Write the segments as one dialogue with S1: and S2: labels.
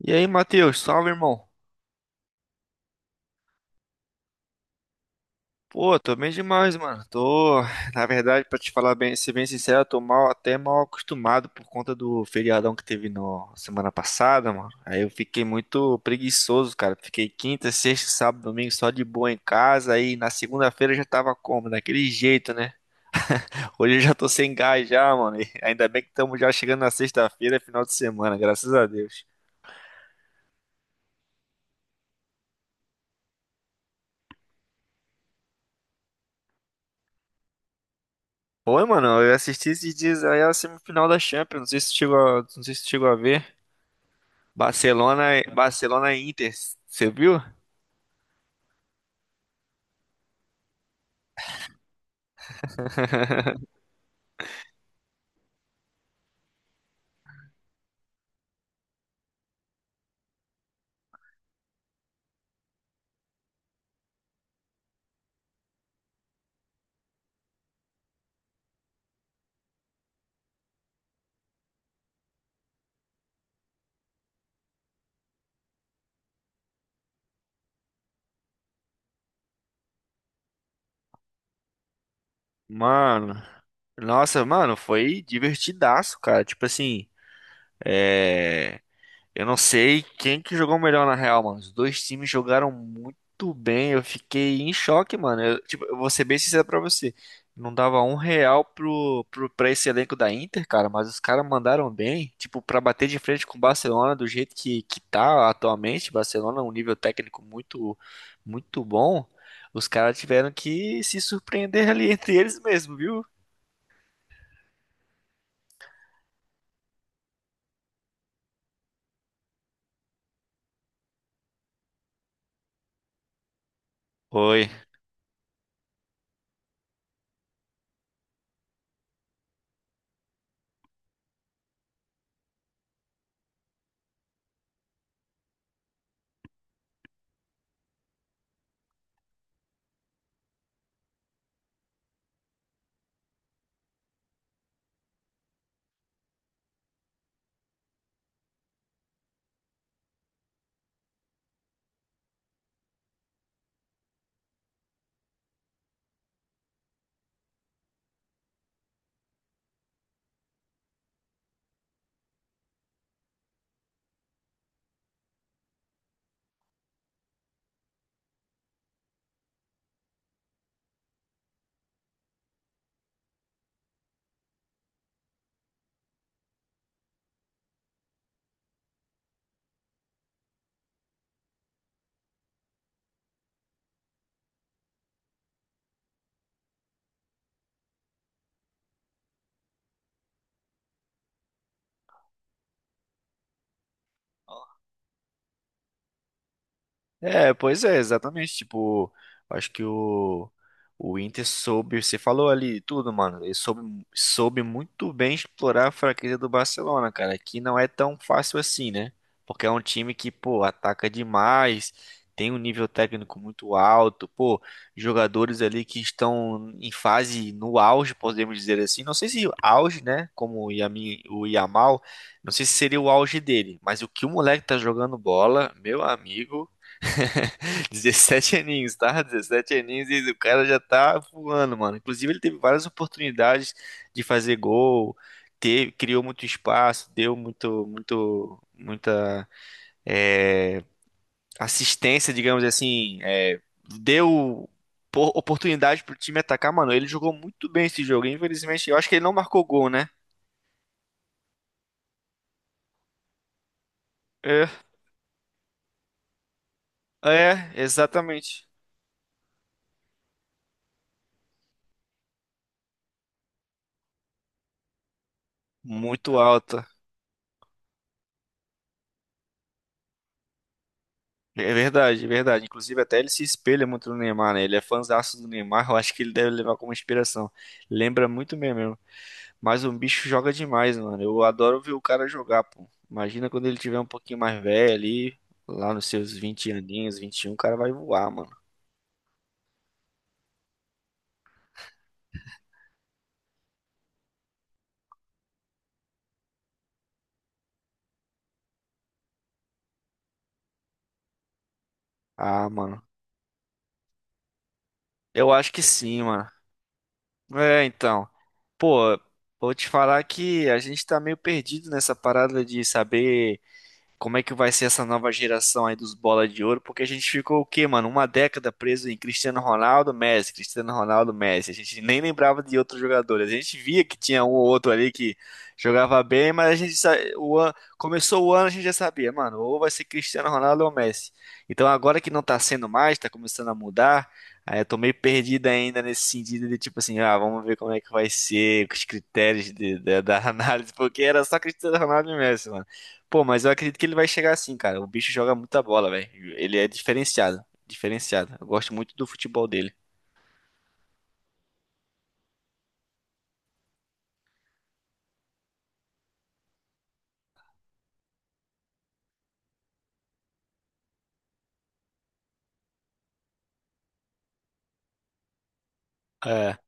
S1: E aí, Matheus, salve, irmão. Pô, tô bem demais, mano. Na verdade, pra te falar bem, ser bem sincero, eu tô mal, até mal acostumado por conta do feriadão que teve no semana passada, mano. Aí eu fiquei muito preguiçoso, cara. Fiquei quinta, sexta, sábado, domingo só de boa em casa. Aí na segunda-feira eu já tava como? Daquele jeito, né? Hoje eu já tô sem gás já, mano. E ainda bem que estamos já chegando na sexta-feira, final de semana, graças a Deus. Oi, mano, eu assisti esses dias aí a semifinal da Champions, não sei se tu chegou a ver. Barcelona e Inter, você viu? Mano, nossa, mano, foi divertidaço, cara. Tipo assim, é. Eu não sei quem que jogou melhor na real, mano. Os dois times jogaram muito bem. Eu fiquei em choque, mano. Eu, tipo, eu vou ser bem sincero pra você. Não dava um real pra esse elenco da Inter, cara, mas os caras mandaram bem. Tipo, pra bater de frente com o Barcelona do jeito que tá atualmente. Barcelona é um nível técnico muito bom. Os caras tiveram que se surpreender ali entre eles mesmo, viu? Oi, é, pois é, exatamente. Tipo, acho que o Inter soube, você falou ali tudo, mano. Ele soube muito bem explorar a fraqueza do Barcelona, cara, que não é tão fácil assim, né? Porque é um time que, pô, ataca demais, tem um nível técnico muito alto, pô, jogadores ali que estão em fase no auge, podemos dizer assim. Não sei se auge, né? Como o Yamin, o Yamal, não sei se seria o auge dele, mas o que o moleque tá jogando bola, meu amigo, 17 aninhos, tá? 17 aninhos e o cara já tá voando, mano. Inclusive, ele teve várias oportunidades de fazer gol, teve, criou muito espaço, deu muita é, assistência, digamos assim, deu oportunidade pro time atacar, mano. Ele jogou muito bem esse jogo, infelizmente. Eu acho que ele não marcou gol, né? É, é, exatamente. Muito alta. É verdade, é verdade. Inclusive, até ele se espelha muito no Neymar, né? Ele é fãzaço do Neymar, eu acho que ele deve levar como inspiração. Lembra muito mesmo. Mas o bicho joga demais, mano. Eu adoro ver o cara jogar, pô. Imagina quando ele tiver um pouquinho mais velho ali, lá nos seus 20 aninhos, 21, o cara vai voar, mano. Ah, mano. Eu acho que sim, mano. É, então. Pô, vou te falar que a gente tá meio perdido nessa parada de saber como é que vai ser essa nova geração aí dos bola de ouro, porque a gente ficou o quê, mano? Uma década preso em Cristiano Ronaldo, Messi, Cristiano Ronaldo, Messi. A gente nem lembrava de outros jogadores. A gente via que tinha um ou outro ali que jogava bem, mas a gente sa- o ano, começou o ano, a gente já sabia, mano, ou vai ser Cristiano Ronaldo ou Messi. Então agora que não tá sendo mais, tá começando a mudar. Aí eu tô meio perdido ainda nesse sentido de tipo assim, ah, vamos ver como é que vai ser, os critérios da análise, porque era só Cristiano Ronaldo e Messi, mano. Pô, mas eu acredito que ele vai chegar assim, cara. O bicho joga muita bola, velho. Ele é diferenciado. Diferenciado. Eu gosto muito do futebol dele. É.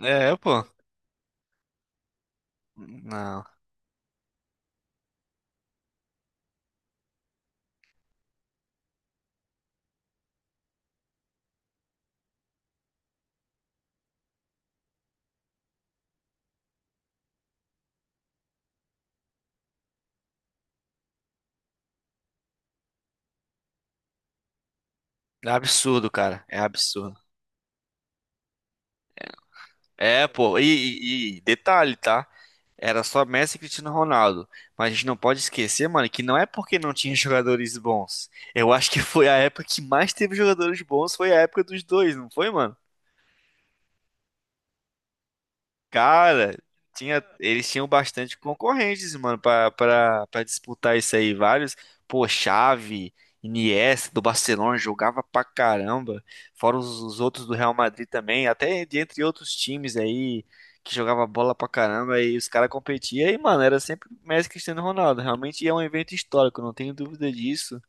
S1: É, pô. Não. É absurdo, cara. É absurdo. É, pô. E, e detalhe, tá? Era só Messi e Cristiano Ronaldo. Mas a gente não pode esquecer, mano, que não é porque não tinha jogadores bons. Eu acho que foi a época que mais teve jogadores bons, foi a época dos dois, não foi, mano? Cara, tinha, eles tinham bastante concorrentes, mano, pra disputar isso aí. Vários, pô, Xavi, Iniesta do Barcelona jogava pra caramba. Fora os outros do Real Madrid também, até de entre outros times aí que jogava bola pra caramba e os caras competiam. E, mano, era sempre Messi e Cristiano Ronaldo. Realmente é um evento histórico, não tenho dúvida disso.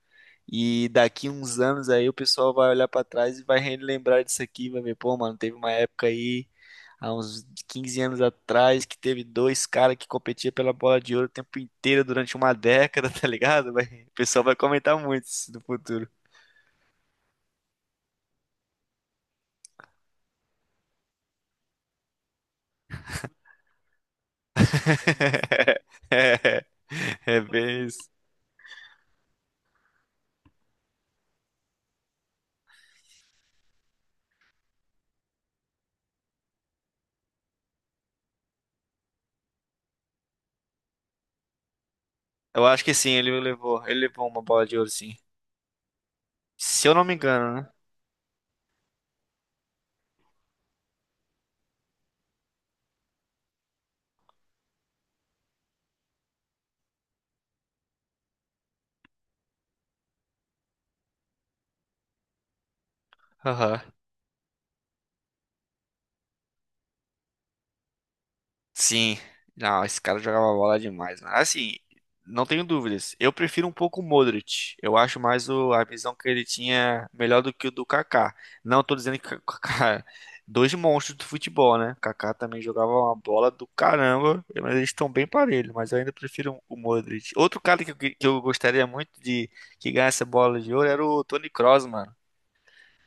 S1: E daqui uns anos aí o pessoal vai olhar pra trás e vai relembrar disso aqui, vai ver, pô, mano, teve uma época aí, há uns 15 anos atrás, que teve dois caras que competiam pela bola de ouro o tempo inteiro durante uma década, tá ligado? Vai- o pessoal vai comentar muito isso no futuro. É, é bem isso. Eu acho que sim, ele levou uma bola de ouro, sim. Se eu não me engano, né? Aham. Sim, não, esse cara jogava bola demais, mano. Assim, não tenho dúvidas. Eu prefiro um pouco o Modric. Eu acho mais o, a visão que ele tinha melhor do que o do Kaká. Não tô dizendo que o Kaká, é dois monstros do futebol, né? O Kaká também jogava uma bola do caramba, mas eles estão bem parelhos, mas eu ainda prefiro o Modric. Outro cara que eu gostaria muito de que ganhasse a bola de ouro era o Toni Kroos, mano.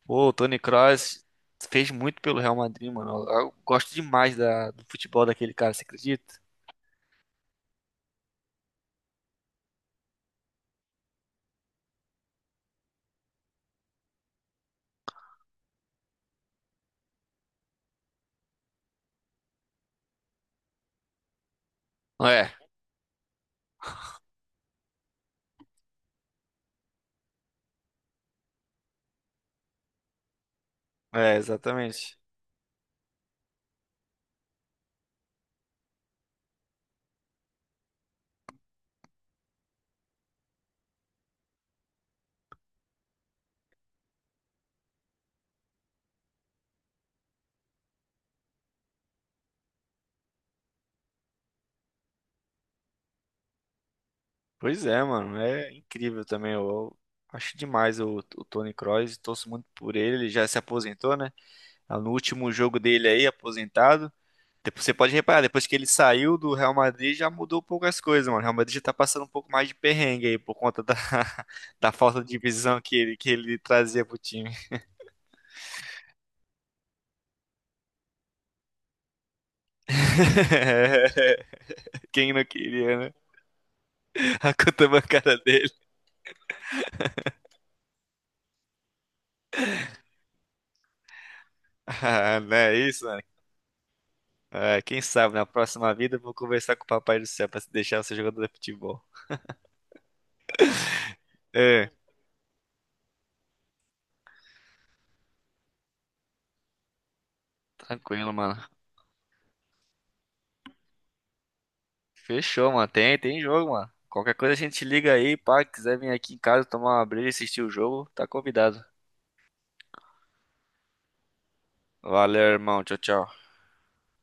S1: Pô, o Toni Kroos fez muito pelo Real Madrid, mano. Eu gosto demais do futebol daquele cara, você acredita? É, é, exatamente. Pois é, mano, é incrível também. Eu acho demais o Toni Kroos, torço muito por ele. Ele já se aposentou, né? No último jogo dele aí, aposentado. Depois, você pode reparar, depois que ele saiu do Real Madrid, já mudou um pouco as coisas, mano. O Real Madrid já tá passando um pouco mais de perrengue aí, por conta da, da falta de visão que ele trazia pro time. Quem não queria, né? A conta bancária dele. Ah, não é isso. É, quem sabe na próxima vida eu vou conversar com o Papai do Céu pra deixar você jogador de futebol. É, tranquilo, mano. Fechou, mano. Tem, tem jogo, mano. Qualquer coisa a gente liga aí, pá. Quiser vir aqui em casa tomar uma breja e assistir o jogo, tá convidado. Valeu, irmão. Tchau, tchau.